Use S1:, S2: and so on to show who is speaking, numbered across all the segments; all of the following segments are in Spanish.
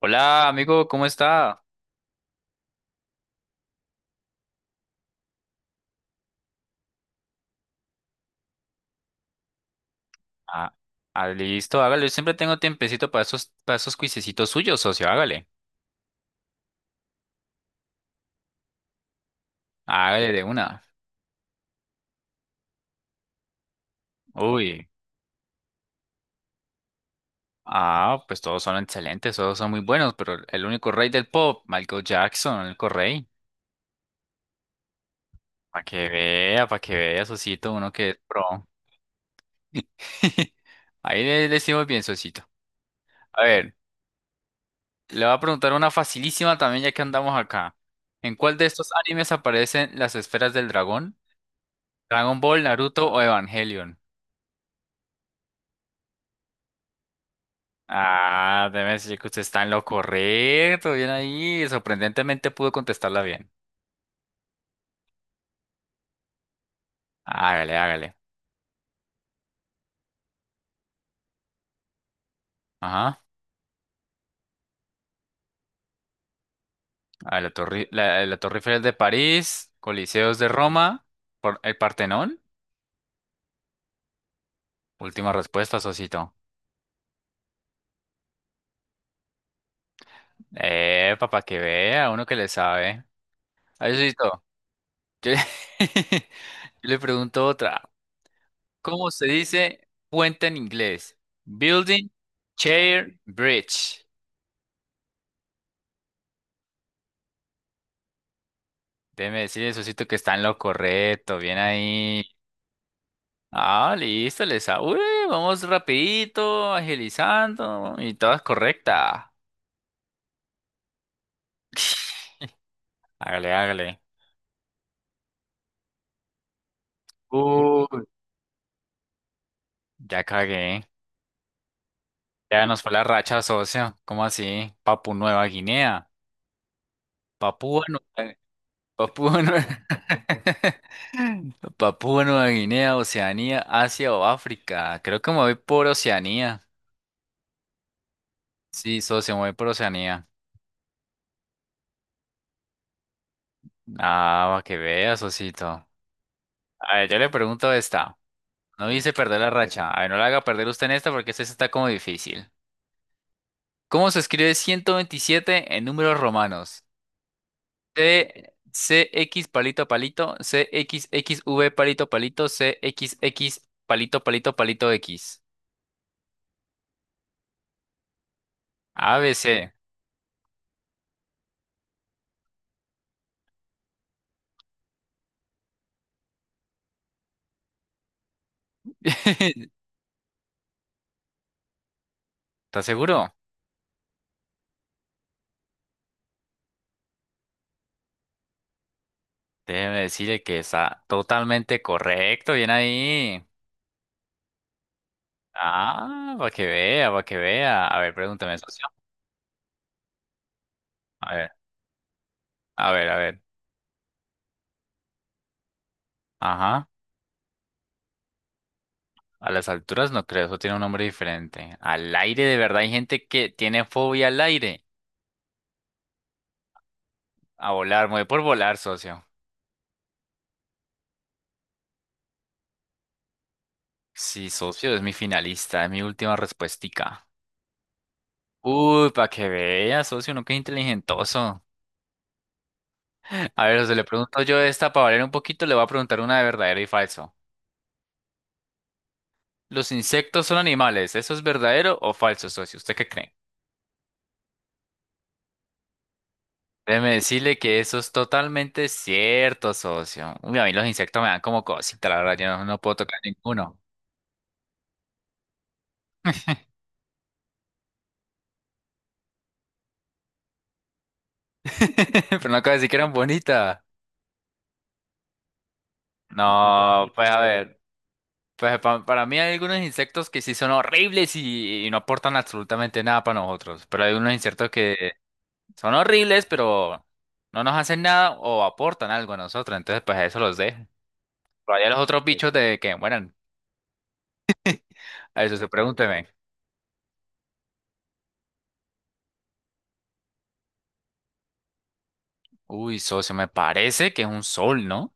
S1: Hola, amigo, ¿cómo está? Ah, listo, hágale. Yo siempre tengo tiempecito para esos cuisecitos suyos, socio. Hágale. Hágale de una. Uy. Ah, pues todos son excelentes, todos son muy buenos, pero el único rey del pop, Michael Jackson, el único rey. Para que vea, socito, uno que es pro. Ahí le decimos bien, socito. A ver, le voy a preguntar una facilísima también, ya que andamos acá. ¿En cuál de estos animes aparecen las esferas del dragón? Dragon Ball, Naruto o Evangelion. Ah, déjeme decir que usted está en lo correcto, bien ahí. Sorprendentemente pudo contestarla bien. Hágale, hágale. Ajá. A ver, la Torre, la Torre Eiffel de París, Coliseos de Roma, por el Partenón. Última respuesta, Sosito. Papá, que vea, uno que le sabe. Ay, Sosito, yo, yo le pregunto otra. ¿Cómo se dice puente en inglés? Building, chair, bridge. Déjeme decirle, Sosito, que está en lo correcto. Bien ahí. Ah, listo, les uy, vamos rapidito, agilizando. Y todas correctas. Hágale, hágale. Uy, ya cagué. Ya nos fue la racha, socio. ¿Cómo así? Papu Nueva Guinea. Papúa Nueva... Papúa Nueva... Papúa Nueva Guinea, Oceanía, Asia o África. Creo que me voy por Oceanía. Sí, socio, me voy por Oceanía. Ah, para que veas, socito. A ver, yo le pregunto esta. No dice perder la racha. A ver, no la haga perder usted en esta porque esta sí está como difícil. ¿Cómo se escribe 127 en números romanos? C, CX palito palito, CXXV palito palito, CXX palito palito palito X. A B C. ¿Estás seguro? Déjeme decirle que está totalmente correcto. Bien ahí. Ah, para que vea, para que vea. A ver, pregúntame, socio. A ver, a ver. Ajá. A las alturas no creo, eso tiene un nombre diferente. Al aire, de verdad, hay gente que tiene fobia al aire. A volar, mueve por volar, socio. Sí, socio, es mi finalista, es mi última respuestica. Uy, para que vea, socio, no que es inteligentoso. A ver, se le pregunto yo esta para valer un poquito, le voy a preguntar una de verdadero y falso. ¿Los insectos son animales? ¿Eso es verdadero o falso, socio? ¿Usted qué cree? Déjeme decirle que eso es totalmente cierto, socio. Uy, a mí los insectos me dan como cosita, la verdad, yo no, no puedo tocar ninguno. Pero no acabo de decir que eran bonitas. No, pues a ver, pues para mí hay algunos insectos que sí son horribles y no aportan absolutamente nada para nosotros, pero hay unos insectos que son horribles, pero no nos hacen nada o aportan algo a nosotros, entonces pues a eso los dejo. Pero hay los otros bichos de que, bueno, a eso se pregúnteme. Uy, socio, me parece que es un sol, ¿no?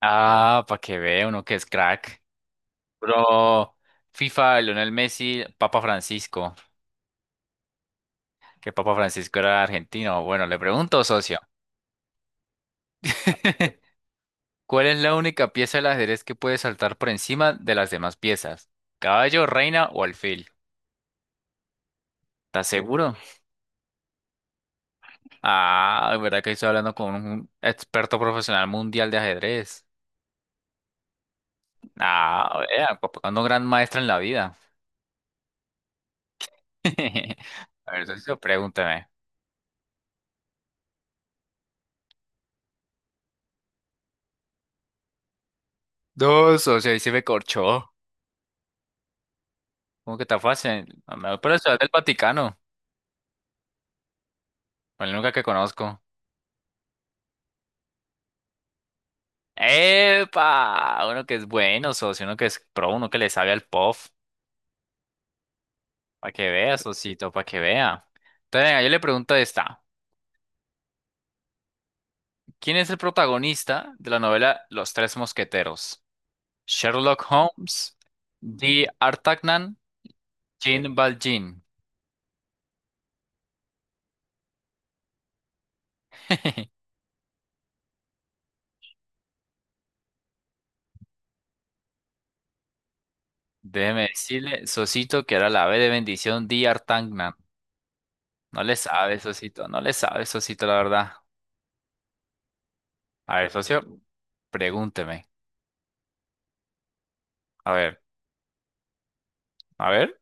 S1: Ah, para que vea uno que es crack. Bro, FIFA, Lionel Messi, Papa Francisco. Que Papa Francisco era argentino. Bueno, le pregunto, socio, ¿cuál es la única pieza del ajedrez que puede saltar por encima de las demás piezas? ¿Caballo, reina o alfil? ¿Estás seguro? Ah, verdad que estoy hablando con un experto profesional mundial de ajedrez. Ah, vea, cuando gran maestra en la vida. A ver, socio, pregúntame. Dos, socio, ahí se me corchó. ¿Cómo que está fácil? Me voy por la Ciudad del Vaticano, la única que conozco. ¡Epa! Uno que es bueno, socio, uno que es pro, uno que le sabe al puff. Para que vea, socito, para que vea. Entonces, venga, yo le pregunto esta. ¿Quién es el protagonista de la novela Los Tres Mosqueteros? ¿Sherlock Holmes, D. Artagnan, Jean Valjean? Déjeme decirle, socito, que era la B de bendición, D. Artagnan. No le sabe, socito, no le sabe, socito, la verdad. A ver, socio, pregúnteme. A ver, a ver.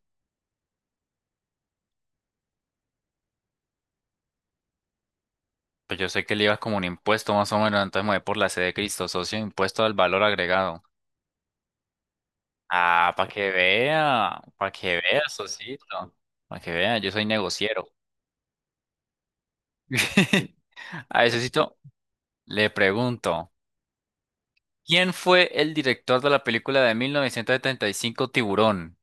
S1: Pues yo sé que el IVA es como un impuesto más o menos, entonces me voy por la C de Cristo, socio, impuesto al valor agregado. Ah, para que vea, socito, para que vea, yo soy negociero. A ese sitio le pregunto, ¿quién fue el director de la película de 1975 Tiburón?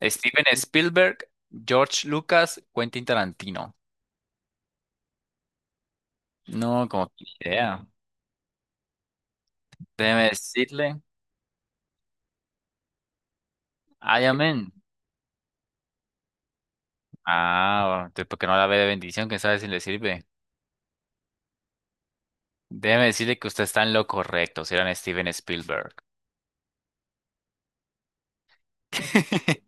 S1: ¿Steven Spielberg, George Lucas, Quentin Tarantino? No, como que ni idea. Déjeme decirle, ay, amén. Ah, bueno, entonces, ¿por qué no la ve de bendición? ¿Quién sabe si le sirve? Déjeme decirle que usted está en lo correcto, si eran Steven Spielberg.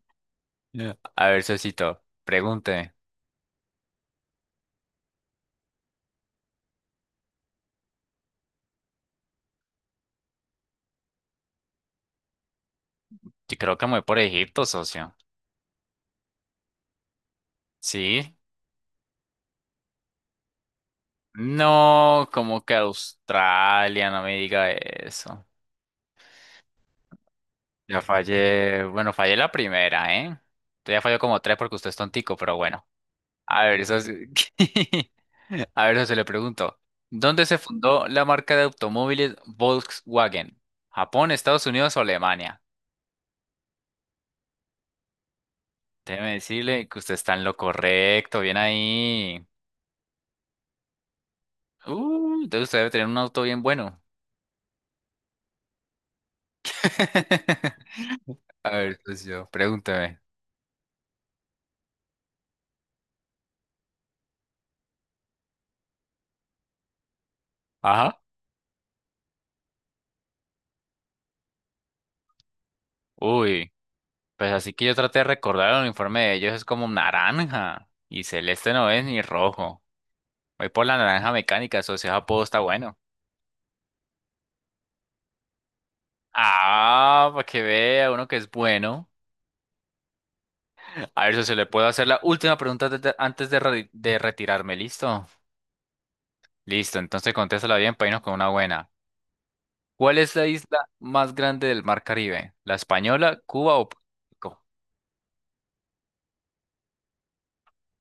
S1: Yeah. A ver, socito, pregúnteme. Yo creo que me voy por Egipto, socio. ¿Sí? No, como que Australia, no me diga eso. Ya fallé, bueno, fallé la primera, ¿eh? Usted ya falló como tres porque usted es tontico, pero bueno. A ver, eso sí. A ver, eso se le pregunto. ¿Dónde se fundó la marca de automóviles Volkswagen? ¿Japón, Estados Unidos o Alemania? Déjeme decirle que usted está en lo correcto, bien ahí. Entonces usted debe tener un auto bien bueno. A ver, pues yo, pregúntame. Ajá. Uy, pues así que yo traté de recordar el uniforme de ellos, es como naranja. Y celeste no es ni rojo. Voy por la naranja mecánica, socio, ese apodo está bueno. Ah, para que vea uno que es bueno. A ver, socio, le puedo hacer la última pregunta antes de, de retirarme, ¿listo? Listo, entonces contéstala bien para irnos con una buena. ¿Cuál es la isla más grande del Mar Caribe? ¿La Española, Cuba o Puerto Rico?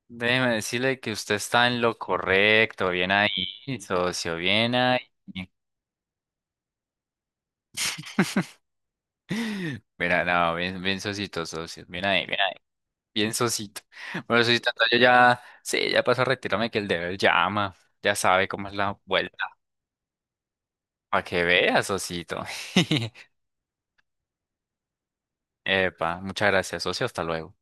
S1: Déjeme decirle que usted está en lo correcto. Bien ahí, socio, bien ahí. Mira, no, bien, bien socito, socio. Bien ahí, bien ahí. Bien socito. Bueno, socito, entonces yo ya, sí, ya paso a retirarme que el deber llama. Ya sabe cómo es la vuelta. Para que vea, socito. Epa, muchas gracias, socio. Hasta luego.